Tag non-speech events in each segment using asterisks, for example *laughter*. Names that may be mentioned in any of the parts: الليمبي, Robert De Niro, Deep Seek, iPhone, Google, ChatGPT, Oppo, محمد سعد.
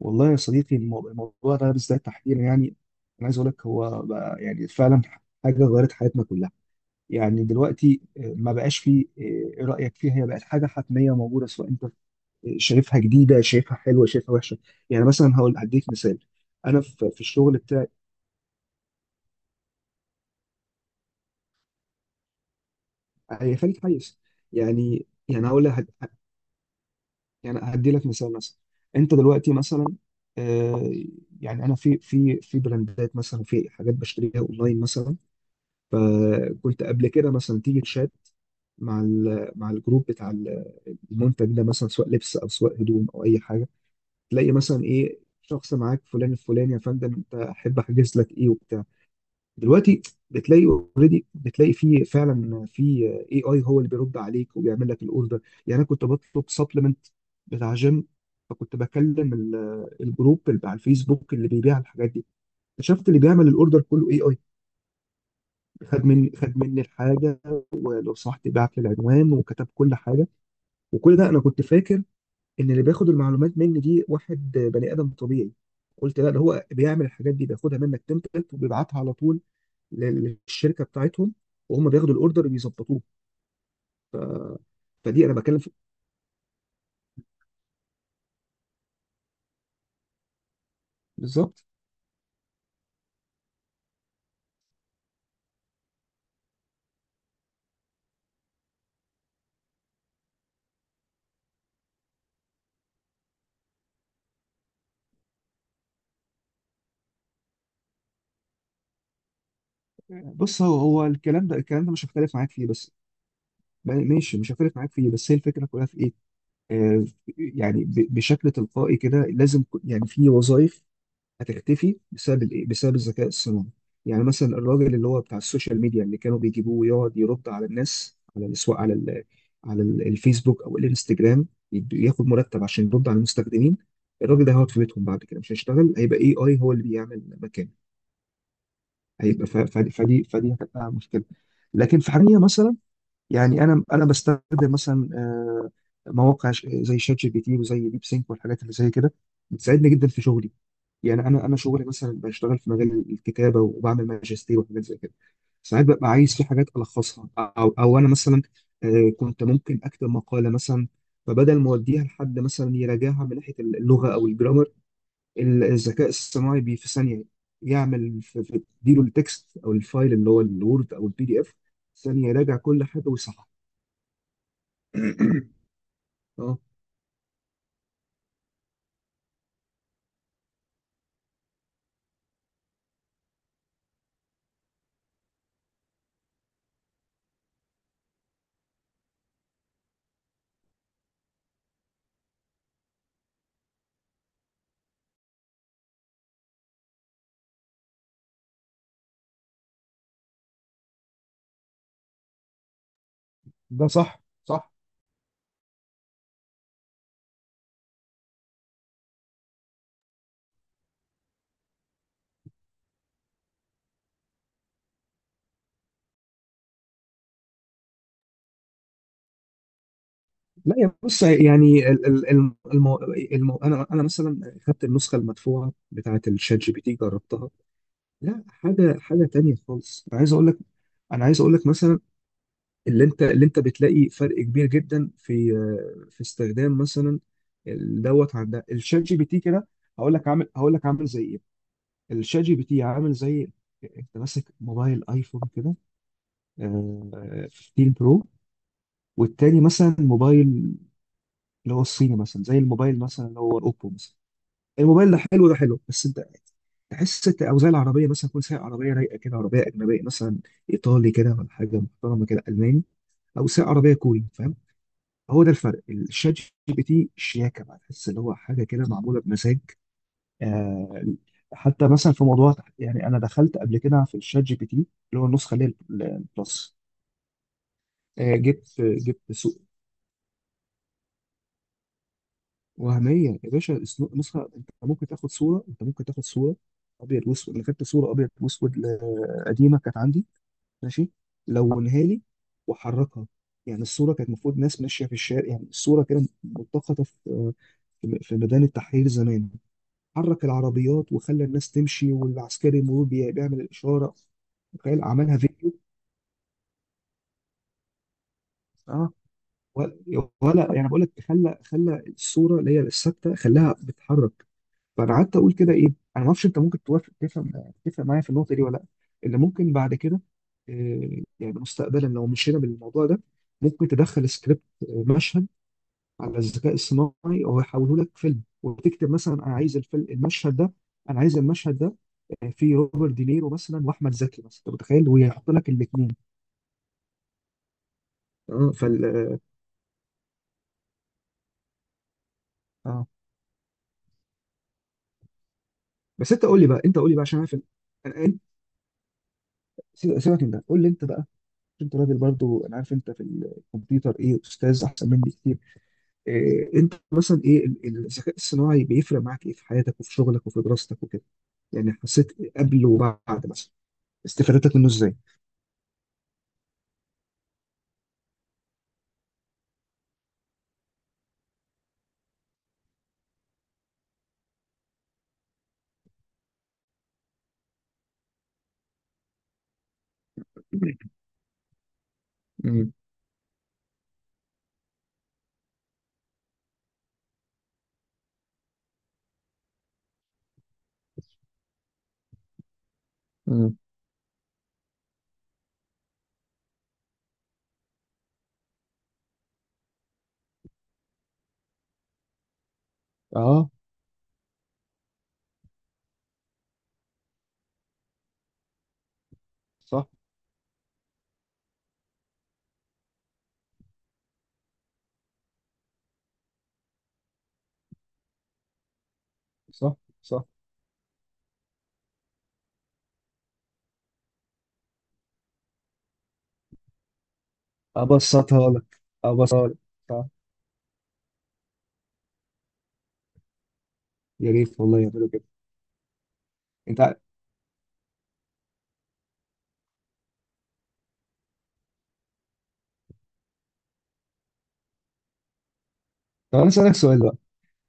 والله يا صديقي، الموضوع ده بالذات تحديدا، يعني انا عايز اقول لك هو بقى يعني فعلا حاجه غيرت حياتنا كلها. يعني دلوقتي ما بقاش فيه، ايه رايك فيها، هي بقت حاجه حتميه موجوده، سواء انت شايفها جديده، شايفها حلوه، شايفها وحشه. يعني مثلا هقول هديك مثال. انا في الشغل بتاعي هي خليك حيز. يعني هقول لك، يعني هدي لك مثال مثلا. انت دلوقتي مثلا، آه، يعني انا في براندات مثلا، في حاجات بشتريها اونلاين مثلا. فكنت قبل كده مثلا تيجي تشات مع الجروب بتاع المنتج ده مثلا، سواء لبس او سواء هدوم او اي حاجه، تلاقي مثلا ايه شخص معاك فلان الفلاني، يا فندم انت احب احجز لك ايه وبتاع. دلوقتي بتلاقي اوريدي، بتلاقي في فعلا في اي اي، هو اللي بيرد عليك وبيعمل لك الاوردر. يعني انا كنت بطلب سبلمنت بتاع جيم، فكنت بكلم الجروب اللي على الفيسبوك اللي بيبيع الحاجات دي. اكتشفت اللي بيعمل الاوردر كله اي اي، خد مني الحاجه، ولو صحت بعت لي العنوان وكتب كل حاجه. وكل ده انا كنت فاكر ان اللي بياخد المعلومات مني دي واحد بني ادم طبيعي. قلت لا، ده هو بيعمل الحاجات دي، بياخدها منك تمبلت وبيبعتها على طول للشركه بتاعتهم، وهم بياخدوا الاوردر بيظبطوه. فدي انا بتكلم في. بالظبط. بص، هو الكلام ده مش هختلف معاك فيه. بس ماشي، مش هختلف معاك فيه، بس هي الفكره كلها في ايه؟ آه يعني بشكل تلقائي كده لازم، يعني في وظائف هتختفي بسبب الايه، بسبب الذكاء الصناعي. يعني مثلا الراجل اللي هو بتاع السوشيال ميديا، اللي كانوا بيجيبوه ويقعد يرد على الناس، على الاسواق، الفيسبوك او الانستجرام، ياخد مرتب عشان يرد على المستخدمين. الراجل ده هيقعد في بيتهم بعد كده، مش هيشتغل، هيبقى اي اي هو اللي بيعمل مكانه. هيبقى، فدي هتبقى مشكله. لكن في حاجه مثلا، يعني انا بستخدم مثلا مواقع، زي شات جي بي تي وزي ديب سينك والحاجات اللي زي كده، بتساعدني جدا في شغلي. يعني انا شغلي مثلا بشتغل في مجال الكتابه، وبعمل ماجستير وحاجات زي كده. ساعات ببقى عايز في حاجات الخصها، او انا مثلا كنت ممكن اكتب مقاله مثلا، فبدل ما اوديها لحد مثلا يراجعها من ناحيه اللغه او الجرامر، الذكاء الصناعي بي في ثانيه يعمل اديله التكست او الفايل اللي هو الوورد او البي دي اف، ثانيه يراجع كل حاجه ويصحح. *clears throat* اه، ده صح صح. لا يا بص، يعني انا مثلا خدت النسخه المدفوعه بتاعه الشات جي بي تي جربتها. لا، حاجه حاجه تانية خالص. انا عايز اقول لك، مثلا، اللي انت بتلاقي فرق كبير جدا في في استخدام مثلا دوت عن ده الشات جي بي تي كده. هقول لك عامل زي ايه. الشات جي بي تي عامل زي انت ماسك موبايل ايفون كده، آه، 15 برو، والتاني مثلا موبايل اللي هو الصيني، مثلا زي الموبايل مثلا اللي هو الاوبو مثلا. الموبايل ده حلو، ده حلو، بس انت تحس انت. او زي العربيه مثلا، كل ساعه عربيه رايقه كده، عربيه اجنبيه مثلا، ايطالي كده، ولا حاجه محترمه كده الماني. او ساعه عربيه كوري، فاهم. هو ده الفرق. الشات جي بي تي شياكه بقى، تحس اللي هو حاجه كده معموله بمزاج. آه حتى مثلا في موضوع، يعني انا دخلت قبل كده في الشات جي بي تي، اللي هو النسخه اللي هي البلس. جبت وهميه يا باشا. نسخه انت ممكن تاخد صوره، ابيض واسود. انا خدت صوره ابيض واسود قديمه كانت عندي، ماشي، لونها لي وحركها. يعني الصوره كانت المفروض ناس ماشيه في الشارع، يعني الصوره كده ملتقطه في في ميدان التحرير زمان. حرك العربيات وخلى الناس تمشي، والعسكري المرور بيعمل الاشاره. تخيل، عملها فيديو. اه. ولا يعني بقول لك، خلى الصوره اللي هي الثابته خلاها بتتحرك. فانا قعدت اقول كده، ايه انا ما اعرفش انت ممكن توافق، تفهم معايا في النقطه دي ولا لا، اللي ممكن بعد كده يعني مستقبلا لو مشينا بالموضوع ده، ممكن تدخل سكريبت، مشهد، على الذكاء الصناعي وهو يحوله لك فيلم. وتكتب مثلا انا عايز الفيلم، المشهد ده، انا عايز المشهد ده فيه روبرت دينيرو مثلا واحمد زكي مثلا، انت متخيل، ويحط لك الاثنين. اه. اه. آه، بس انت قول لي بقى عشان عارف. انا أنت- سيبك من ده، قول لي انت بقى. انت راجل برضو، انا عارف انت في الكمبيوتر ايه، استاذ احسن مني كتير. إيه انت مثلا ايه الذكاء الصناعي بيفرق معاك ايه في حياتك وفي شغلك وفي دراستك وكده. يعني حسيت قبل وبعد مثلا استفادتك منه ازاي؟ امم. امم. اه. صح. صح. صح. ابسطها لك. ابسطها لك. صح. يا ريت والله يعملوا كده. انت عارف- طب انا اسالك سؤال.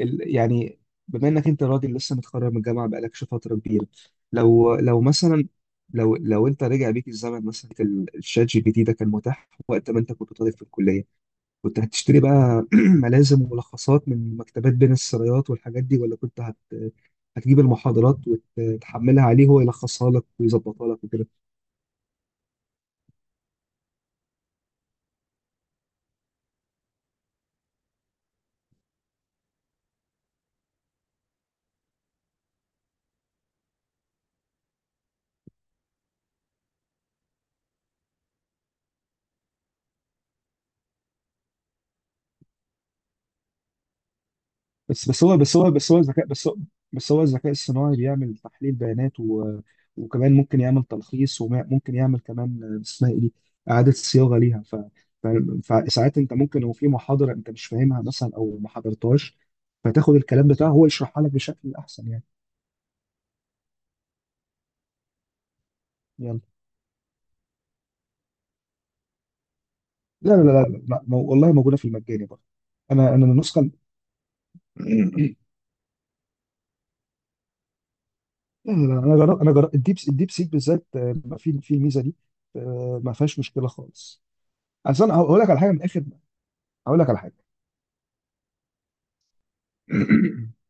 يعني، بما انك انت راجل لسه متخرج من الجامعه، بقالكش فتره كبيره، لو مثلا، لو انت رجع بيك الزمن مثلا، كان الشات جي بي تي ده كان متاح وقت ما انت كنت طالب في الكليه، كنت هتشتري بقى *clears throat* ملازم وملخصات من مكتبات بين السرايات والحاجات دي، ولا كنت هتجيب المحاضرات وتحملها عليه هو يلخصها لك ويظبطها لك وكده؟ بس بس هو بس هو بس هو بس هو الذكاء الصناعي بيعمل تحليل بيانات، وكمان ممكن يعمل تلخيص، وممكن يعمل كمان اسمها ايه دي، إعادة صياغة ليها. ف... فساعات انت ممكن لو في محاضرة انت مش فاهمها مثلا او ما حضرتهاش، فتاخد الكلام بتاعه هو يشرحها لك بشكل احسن يعني. يلا. لا، لا، لا، لا، لا، والله موجودة في المجاني برضه. انا النسخة *clears throat* لا، لا، لا، انا جربت الديب سيك بالذات في الميزة دي. ما فيهاش مشكلة خالص. اصل انا هقول لك على حاجه من الاخر، اقول لك على حاجه. *coughs*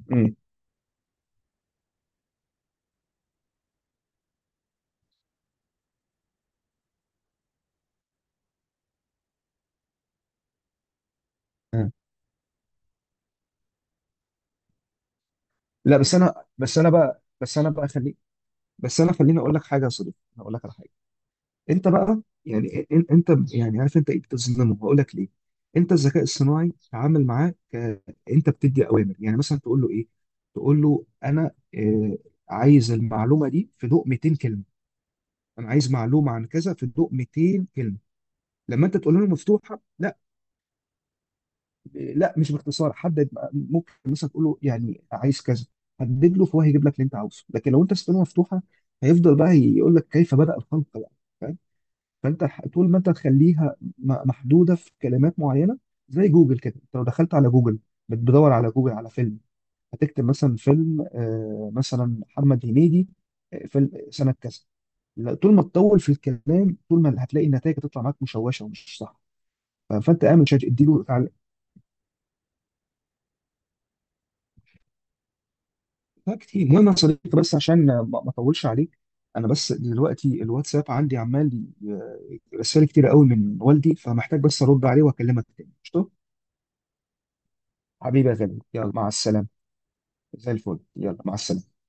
*clears throat* مم. آه. لا، بس انا بس انا بقى بس انا بقى خلي بس انا خليني اقول لك حاجه يا صديقي. أنا اقول لك على حاجه. انت بقى يعني انت يعني عارف انت ايه بتظلمه، هقول لك ليه. انت الذكاء الصناعي تعامل معاه انت بتدي اوامر، يعني مثلا تقول له ايه، تقول له انا آه عايز المعلومه دي في ضوء 200 كلمه، انا عايز معلومه عن كذا في ضوء 200 كلمه، لما انت تقول له مفتوحه لا، لا مش باختصار، ممكن مثلا تقول له يعني عايز كذا، حدد له، فهو هيجيب لك اللي انت عاوزه. لكن لو انت سبتها مفتوحه، هيفضل بقى يقول لك كيف بدأ الخلق بقى، فاهم. فانت طول ما انت تخليها محدوده في كلمات معينه، زي جوجل كده. انت لو دخلت على جوجل بتدور على جوجل على فيلم، هتكتب مثلا فيلم مثلا محمد هنيدي، فيلم سنه كذا، لا، طول ما تطول في الكلام، طول ما هتلاقي النتائج هتطلع معاك مشوشه ومش صح. فانت اعمل شات اديله. لا كتير، المهم يا صديقي، بس عشان ما اطولش عليك، انا بس دلوقتي الواتساب عندي عمال رسائل كتير قوي من والدي، فمحتاج بس ارد عليه واكلمك تاني قشطه. حبيبي يا غالي، يلا مع السلامه. زي الفل، يلا مع السلامه.